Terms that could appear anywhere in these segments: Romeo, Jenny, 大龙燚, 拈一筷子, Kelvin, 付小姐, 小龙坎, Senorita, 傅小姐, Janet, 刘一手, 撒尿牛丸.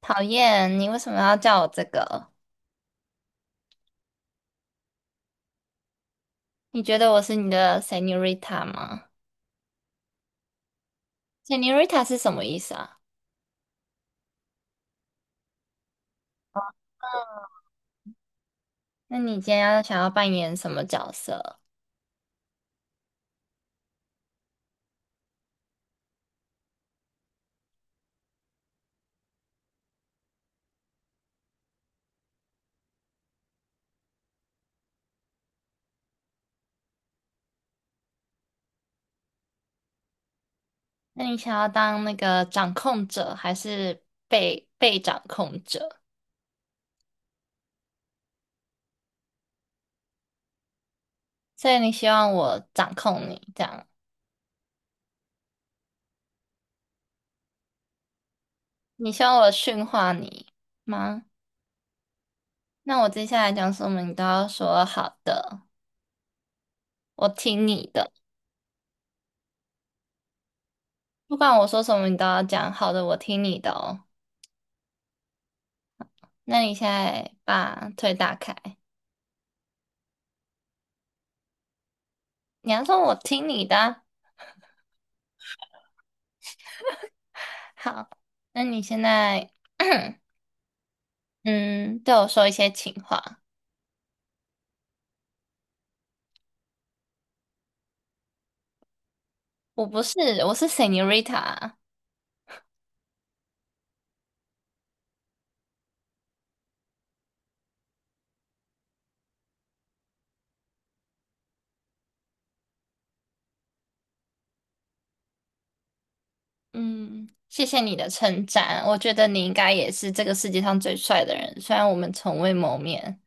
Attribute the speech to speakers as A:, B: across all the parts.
A: 讨厌，你为什么要叫我这个？你觉得我是你的 Senorita 吗？Senorita 是什么意思啊？那你今天要想要扮演什么角色？那你想要当那个掌控者，还是被掌控者？所以你希望我掌控你，这样？你希望我驯化你吗？那我接下来讲什么，你都要说好的，我听你的。不管我说什么，你都要讲好的，我听你的哦。那你现在把腿打开。你要说我听你的啊。好，那你现在 嗯对我说一些情话。我不是，我是 Senorita。嗯，谢谢你的称赞，我觉得你应该也是这个世界上最帅的人，虽然我们从未谋面。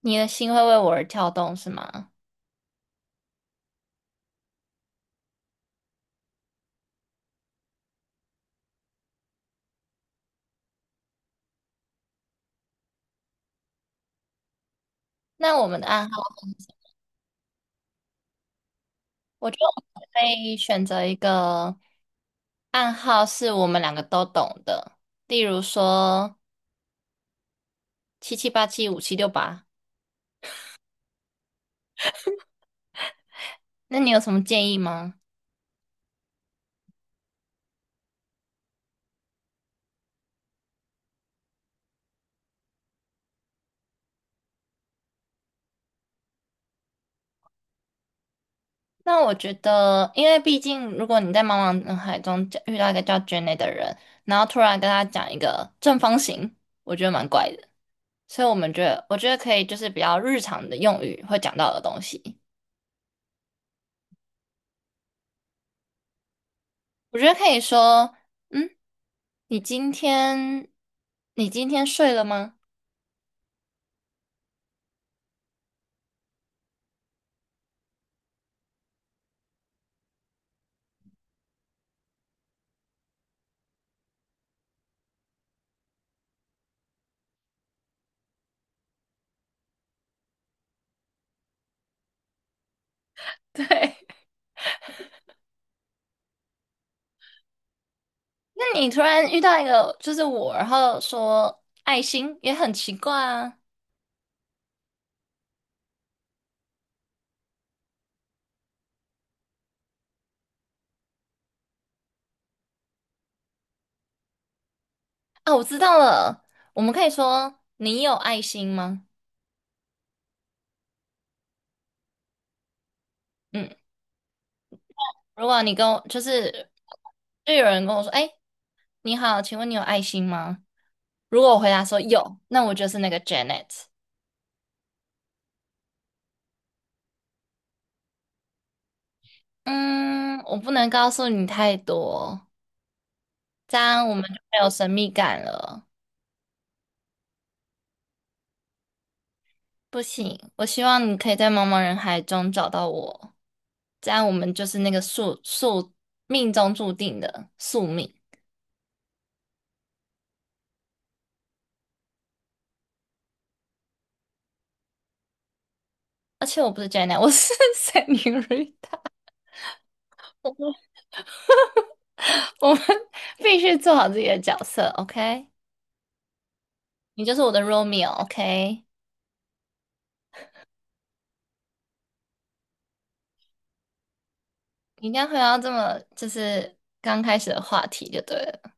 A: 你的心会为我而跳动，是吗？那我们的暗号，我觉得我们可以选择一个暗号是我们两个都懂的，例如说77875768。那你有什么建议吗？那我觉得，因为毕竟，如果你在茫茫人海中叫遇到一个叫 Jenny 的人，然后突然跟他讲一个正方形，我觉得蛮怪的。所以我们觉得，我觉得可以就是比较日常的用语会讲到的东西。我觉得可以说，嗯，你今天你今天睡了吗？对，那你突然遇到一个就是我，然后说爱心也很奇怪啊。啊，我知道了，我们可以说你有爱心吗？嗯。如果你跟我就是就有人跟我说，哎，你好，请问你有爱心吗？如果我回答说有，那我就是那个 Janet。嗯，我不能告诉你太多，这样我们就没有神秘感了。不行，我希望你可以在茫茫人海中找到我，这样我们就是那个命中注定的宿命。而且我不是 Janet,我是 Senorita,我们必须做好自己的角色，OK？你就是我的 Romeo，OK？你一定要回到这么就是刚开始的话题就对了，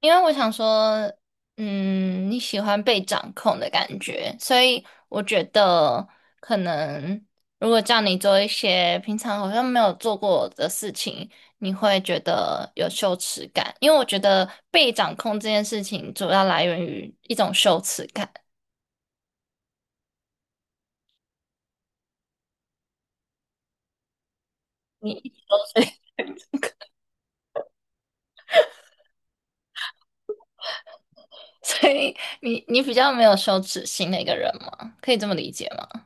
A: 因为我想说，嗯，你喜欢被掌控的感觉，所以我觉得可能如果叫你做一些平常好像没有做过的事情，你会觉得有羞耻感，因为我觉得被掌控这件事情主要来源于一种羞耻感。你 所以所以你比较没有羞耻心的一个人吗？可以这么理解吗？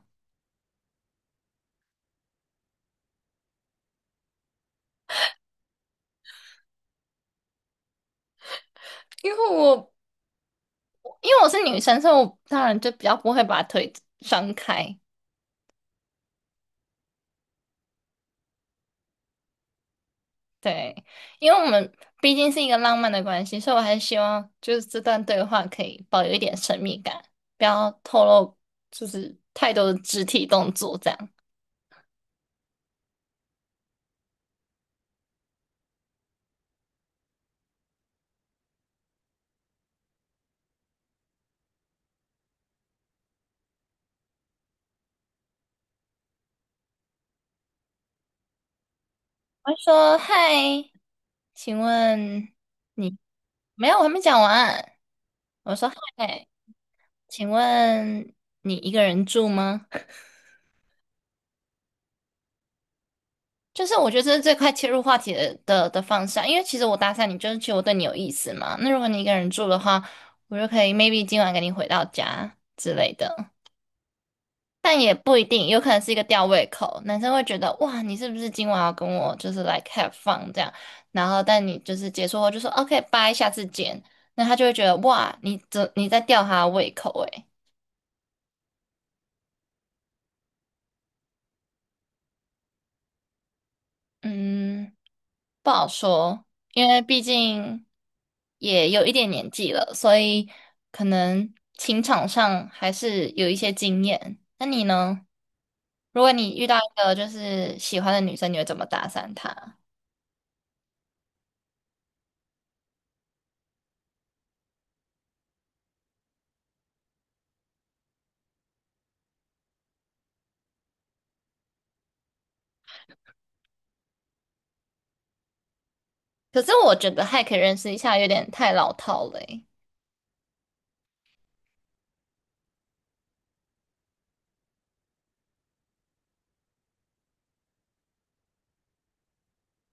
A: 因为我因为我是女生，所以我当然就比较不会把腿张开。对，因为我们毕竟是一个浪漫的关系，所以我还是希望就是这段对话可以保留一点神秘感，不要透露就是太多的肢体动作这样。我会说嗨，请问你没有？我还没讲完。我说嗨，请问你一个人住吗？就是我觉得这是最快切入话题的方向，因为其实我搭讪你，就是其实我对你有意思嘛。那如果你一个人住的话，我就可以 maybe 今晚跟你回到家之类的，但也不一定，有可能是一个吊胃口。男生会觉得哇，你是不是今晚要跟我就是 l i k have fun 这样？然后但你就是结束后就说 OK bye,下次见，那他就会觉得哇，你这你在吊他的胃口诶、欸。嗯，不好说，因为毕竟也有一点年纪了，所以可能情场上还是有一些经验。那你呢？如果你遇到一个就是喜欢的女生，你会怎么搭讪她？可是我觉得还可以认识一下，有点太老套了欸。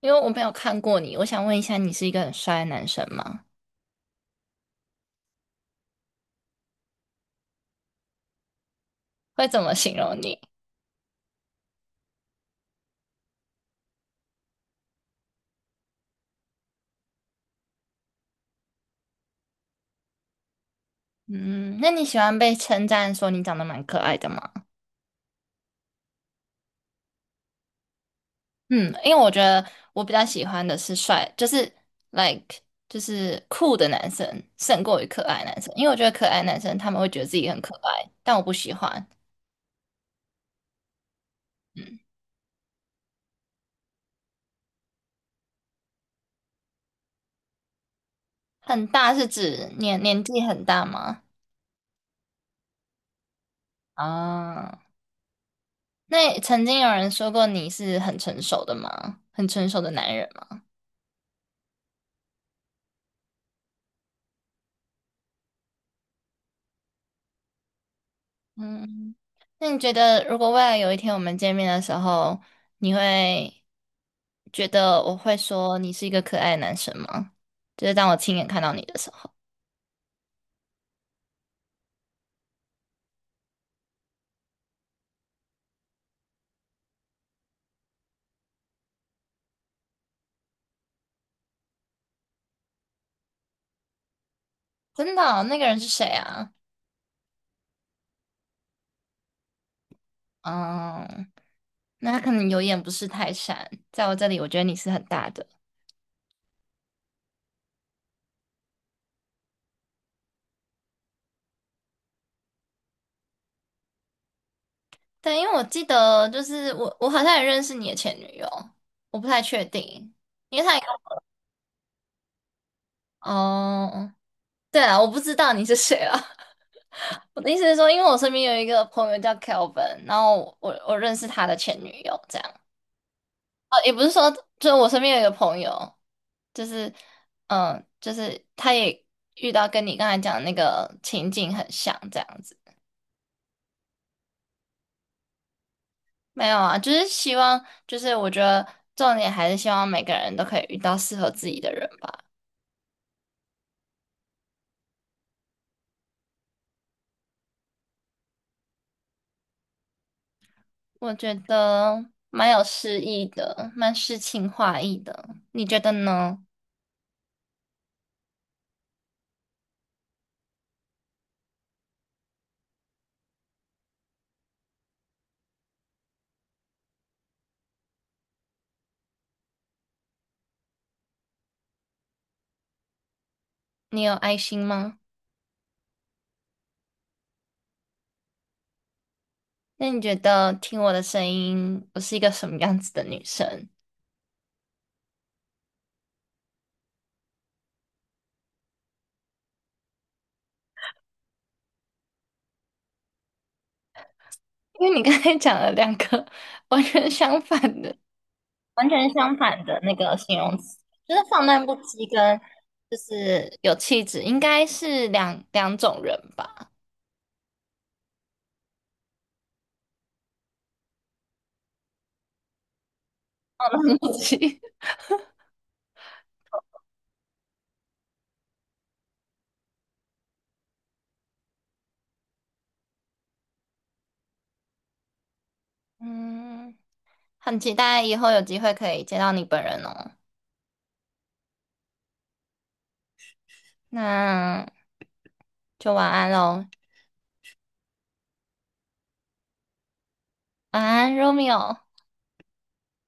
A: 因为我没有看过你。我想问一下，你是一个很帅的男生吗？会怎么形容你？嗯，那你喜欢被称赞说你长得蛮可爱的吗？嗯，因为我觉得我比较喜欢的是帅，就是 like 就是酷的男生胜过于可爱男生，因为我觉得可爱男生他们会觉得自己很可爱，但我不喜欢。很大是指年纪很大吗？啊，那曾经有人说过你是很成熟的吗？很成熟的男人吗？嗯，那你觉得如果未来有一天我们见面的时候，你会觉得我会说你是一个可爱的男生吗？就是当我亲眼看到你的时候。真的哦那个人是谁啊？嗯，那他可能有眼不识泰山，在我这里，我觉得你是很大的。对，因为我记得，就是我，我好像也认识你的前女友，我不太确定，因为他也跟我哦，对啊，我不知道你是谁啊。我的意思是说，因为我身边有一个朋友叫 Kelvin,然后我认识他的前女友，这样。也不是说，就是我身边有一个朋友，就是就是他也遇到跟你刚才讲的那个情景很像，这样子。没有啊，就是希望，就是我觉得重点还是希望每个人都可以遇到适合自己的人吧。我觉得蛮有诗意的，蛮诗情画意的。你觉得呢？你有爱心吗？那你觉得听我的声音，我是一个什么样子的女生？因为你刚才讲了两个 完全相反的 完全相反的那个形容词，就是放荡不羁跟就是有气质，应该是两种人吧？放荡不羁。嗯，很期待以后有机会可以见到你本人哦。那就晚安喽，晚安，Romeo。